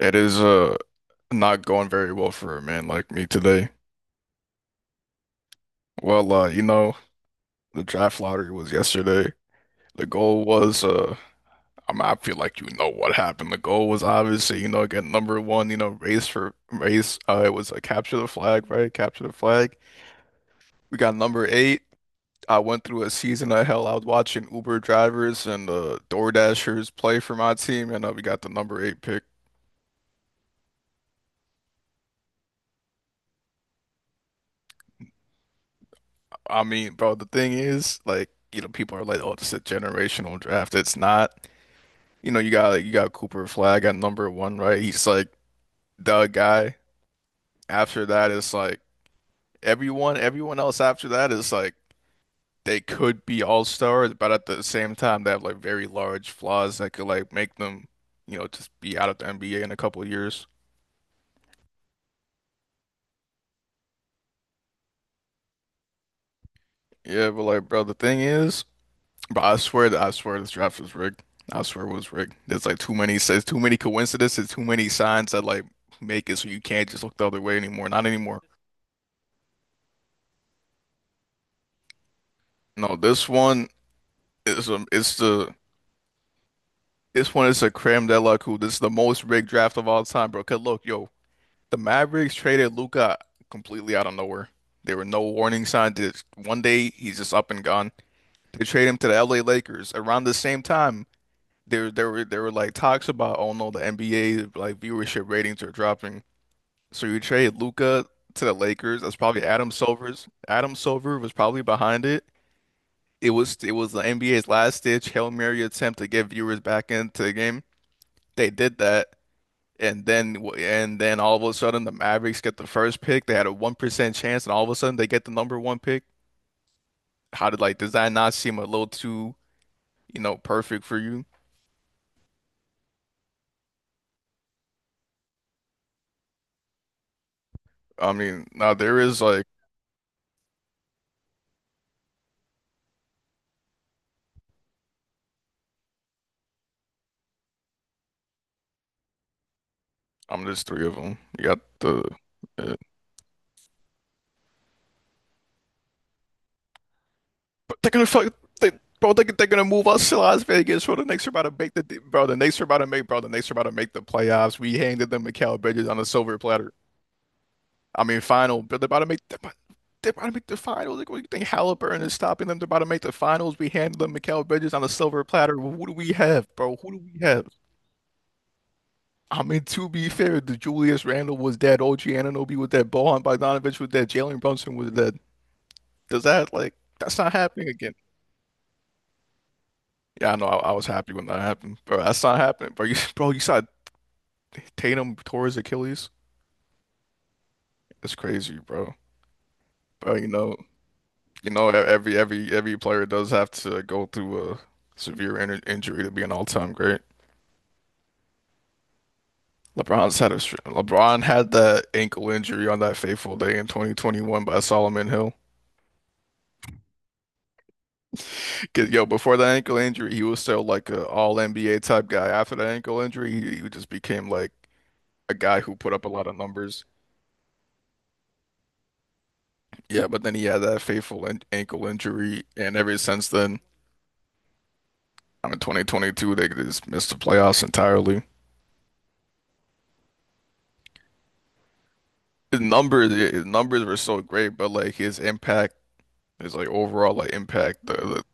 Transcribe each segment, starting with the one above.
It is not going very well for a man like me today. Well, the draft lottery was yesterday. The goal was I feel like you know what happened. The goal was obviously, you know, get number one, you know, race for race. It was a capture the flag, right? Capture the flag. We got number eight. I went through a season of hell. I was watching Uber drivers and DoorDashers play for my team, and we got the number eight pick. I mean, bro, the thing is, like, you know, people are like, oh, it's a generational draft. It's not. You know, you got Cooper Flag at number one, right? He's like the guy. After that, it's like everyone else after that is like they could be all stars, but at the same time, they have like very large flaws that could like make them, you know, just be out of the NBA in a couple of years. Yeah, but like, bro, the thing is, but I swear that I swear this draft was rigged. I swear it was rigged. There's too many coincidences, too many signs that like make it so you can't just look the other way anymore. Not anymore. No, is um, it's the This one is a creme de la coupe. This is the most rigged draft of all time, bro. Cause look, yo, the Mavericks traded Luka completely out of nowhere. There were no warning signs. Just one day he's just up and gone. They trade him to the LA Lakers. Around the same time, there were like talks about, oh no, the NBA like viewership ratings are dropping. So you trade Luka to the Lakers. That's probably Adam Silver's. Adam Silver was probably behind it. It was the NBA's last ditch Hail Mary attempt to get viewers back into the game. They did that. And then all of a sudden the Mavericks get the first pick. They had a 1% chance and all of a sudden they get the number one pick. How did like does that not seem a little too, you know, perfect for you? I mean, now there is like I'm there's three of them. You got the uh, but they're gonna they, bro, they're gonna move us to Las Vegas, bro. The Knicks are about to make the bro, the Knicks are about to make the playoffs. We handed them Mikal Bridges on a silver platter. I mean, final, but they're about to make they're about to make the finals. Like, what do you think Halliburton is stopping them? They're about to make the finals. We handle them Mikal Bridges on a silver platter. Well, who do we have, bro? Who do we have? I mean, to be fair, the Julius Randle was dead. OG Anunoby was dead. Bojan Bogdanovic was dead. Jalen Brunson was dead. Does that like that's not happening again? Yeah, I know. I was happy when that happened, bro. That's not happening, bro. You, bro, you saw Tatum tore his Achilles. It's crazy, bro. Bro, you know. You know, every player does have to go through a severe in injury to be an all-time great. LeBron had that ankle injury on that fateful day in 2021 by Solomon Hill. 'Cause, yo, before that ankle injury, he was still like a all NBA type guy. After that ankle injury, he just became like a guy who put up a lot of numbers. Yeah, but then he had that fateful an ankle injury, and ever since then, I mean, 2022, they just missed the playoffs entirely. His numbers yeah, his numbers were so great, but like his impact, his like overall like impact,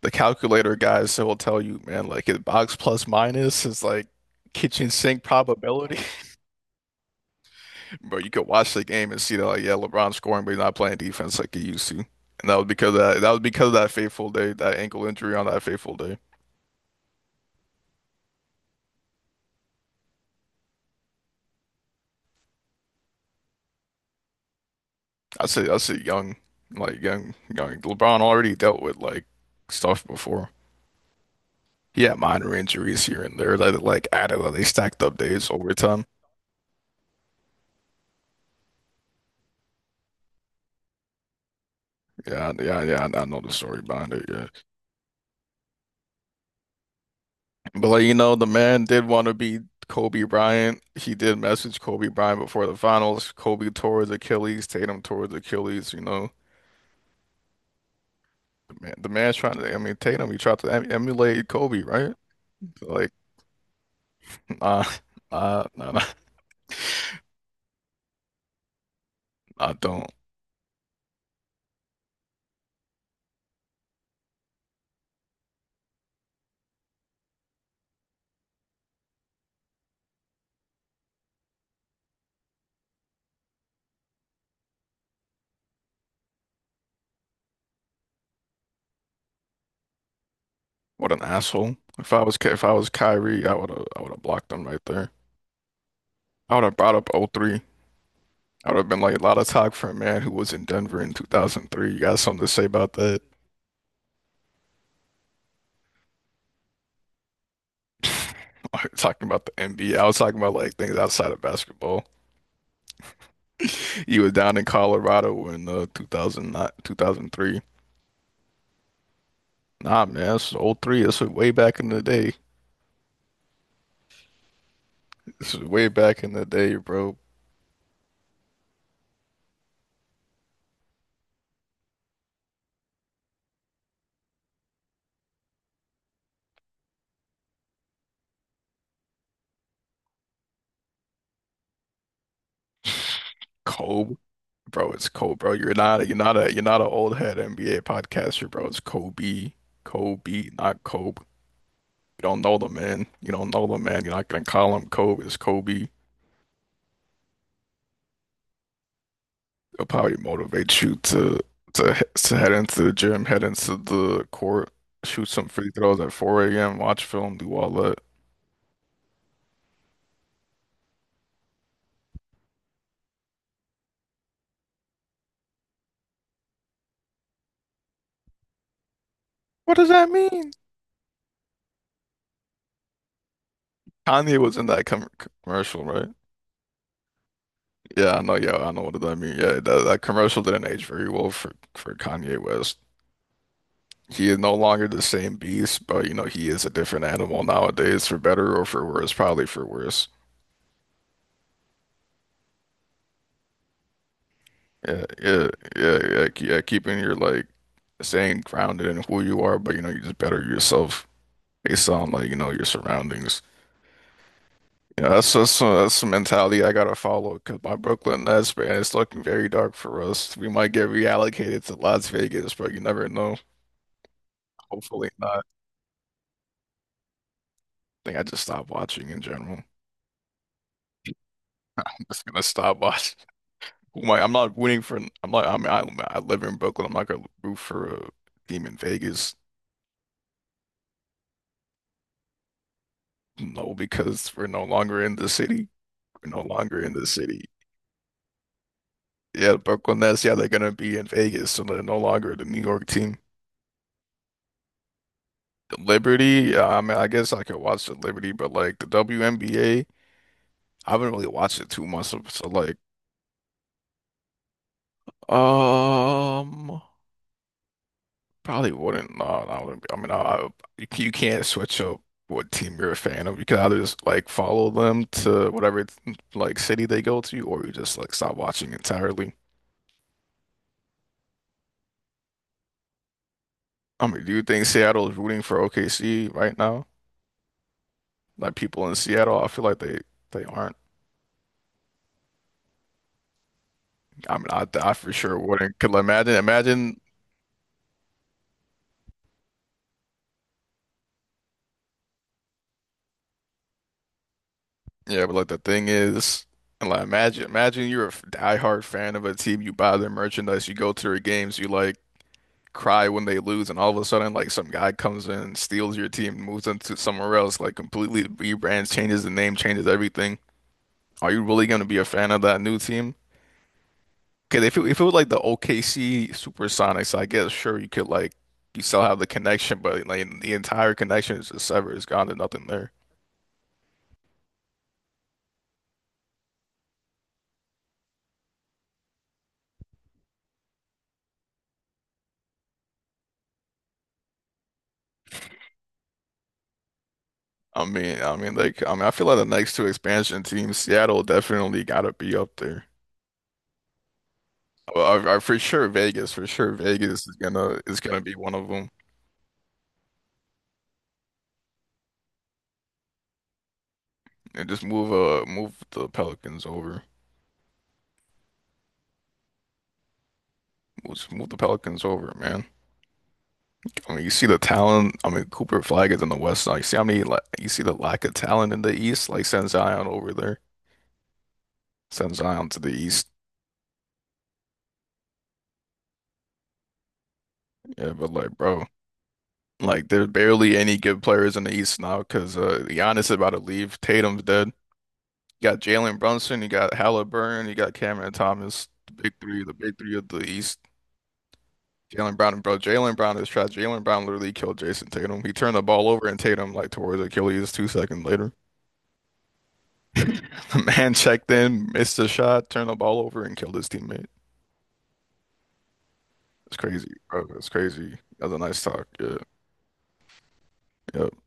the calculator guys so will tell you, man, like his box plus minus is like kitchen sink probability. Bro, you could watch the game and see that like yeah, LeBron's scoring, but he's not playing defense like he used to. And that was because of that that was because of that fateful day, that ankle injury on that fateful day. I say I say young, like young LeBron already dealt with like stuff before. He had minor injuries here and there that like added when they stacked up days over time. Yeah, yeah, yeah. I know the story behind it. Yeah, but like you know, the man did want to be Kobe Bryant. He did message Kobe Bryant before the finals. Kobe tore his Achilles. Tatum tore his Achilles. You know, the man's trying to. I mean, Tatum, he tried to emulate Kobe, right? Like, nah, nah, I don't. What an asshole. If I was Kyrie, I would have blocked him right there. I would have brought up O three. I would have been like, a lot of talk for a man who was in Denver in 2003. You got something to say about that? Talking about the NBA, I was talking about like things outside of basketball. You was down in Colorado in 2003. Nah, man, that's oh 03. That's way back in the day. This is way back in the day, bro. Kobe, bro, it's Kobe, bro. You're not an old head NBA podcaster, bro. Not Kobe. You don't know the man. You don't know the man. You're not gonna call him Kobe. It's Kobe. It'll probably motivate you to head into the gym, head into the court, shoot some free throws at 4 a.m., watch film, do all that. What does that mean? Kanye was in that commercial, right? Yeah, I know. Yeah, I know. What does that mean? Yeah, that commercial didn't age very well for Kanye West. He is no longer the same beast, but you know he is a different animal nowadays, for better or for worse. Probably for worse. Yeah, yeah, yeah. Yeah, keeping your like staying grounded in who you are, but you know you just better yourself. Based on like you know your surroundings. You know, that's the mentality I gotta follow because my Brooklyn Nets man, it's looking very dark for us. We might get reallocated to Las Vegas, but you never know. Hopefully not. I think I just stopped watching in general. I'm just gonna stop watching. Who am I? I'm not rooting for. I'm not. I mean, I live in Brooklyn. I'm not gonna root for a team in Vegas. No, because we're no longer in the city. We're no longer in the city. Yeah, Brooklyn Nets. Yeah, they're gonna be in Vegas, so they're no longer the New York team. Liberty, I mean, I guess I could watch the Liberty, but like the WNBA, I haven't really watched it too much. Um, probably wouldn't. No, No, I wouldn't. I mean, you can't switch up what team you're a fan of. You can either just like follow them to whatever like city they go to, or you just like stop watching entirely. I mean, do you think Seattle is rooting for OKC right now? Like people in Seattle, I feel like they aren't. I mean, I for sure wouldn't. Could imagine yeah, but like the thing is, like imagine you're a diehard fan of a team, you buy their merchandise, you go to their games, you like cry when they lose, and all of a sudden like some guy comes in, steals your team, moves into somewhere else, like completely rebrands, changes the name, changes everything. Are you really gonna be a fan of that new team? Okay, if it was like the OKC Supersonics, I guess sure you could like you still have the connection, but like the entire connection is just severed, it's gone, there's nothing there. I mean, I feel like the next two expansion teams, Seattle definitely gotta be up there. Well, I for sure for sure Vegas is gonna be one of them, and just move move the Pelicans over, just move the Pelicans over, man. I mean, you see the talent. I mean, Cooper Flag is in the West now. You see how many like you see the lack of talent in the East. Like, send Zion over there, send Zion to the East. Yeah, but like, bro. Like there's barely any good players in the East now because Giannis is about to leave. Tatum's dead. You got Jalen Brunson, you got Halliburton, you got Cameron Thomas, the big three of the East. Jalen Brown, and bro, Jalen Brown is trash. Jalen Brown literally killed Jason Tatum. He turned the ball over and Tatum like towards Achilles 2 seconds later. The man checked in, missed a shot, turned the ball over and killed his teammate. It's crazy, bro. It's crazy. That was a nice talk. Yeah. Yeah.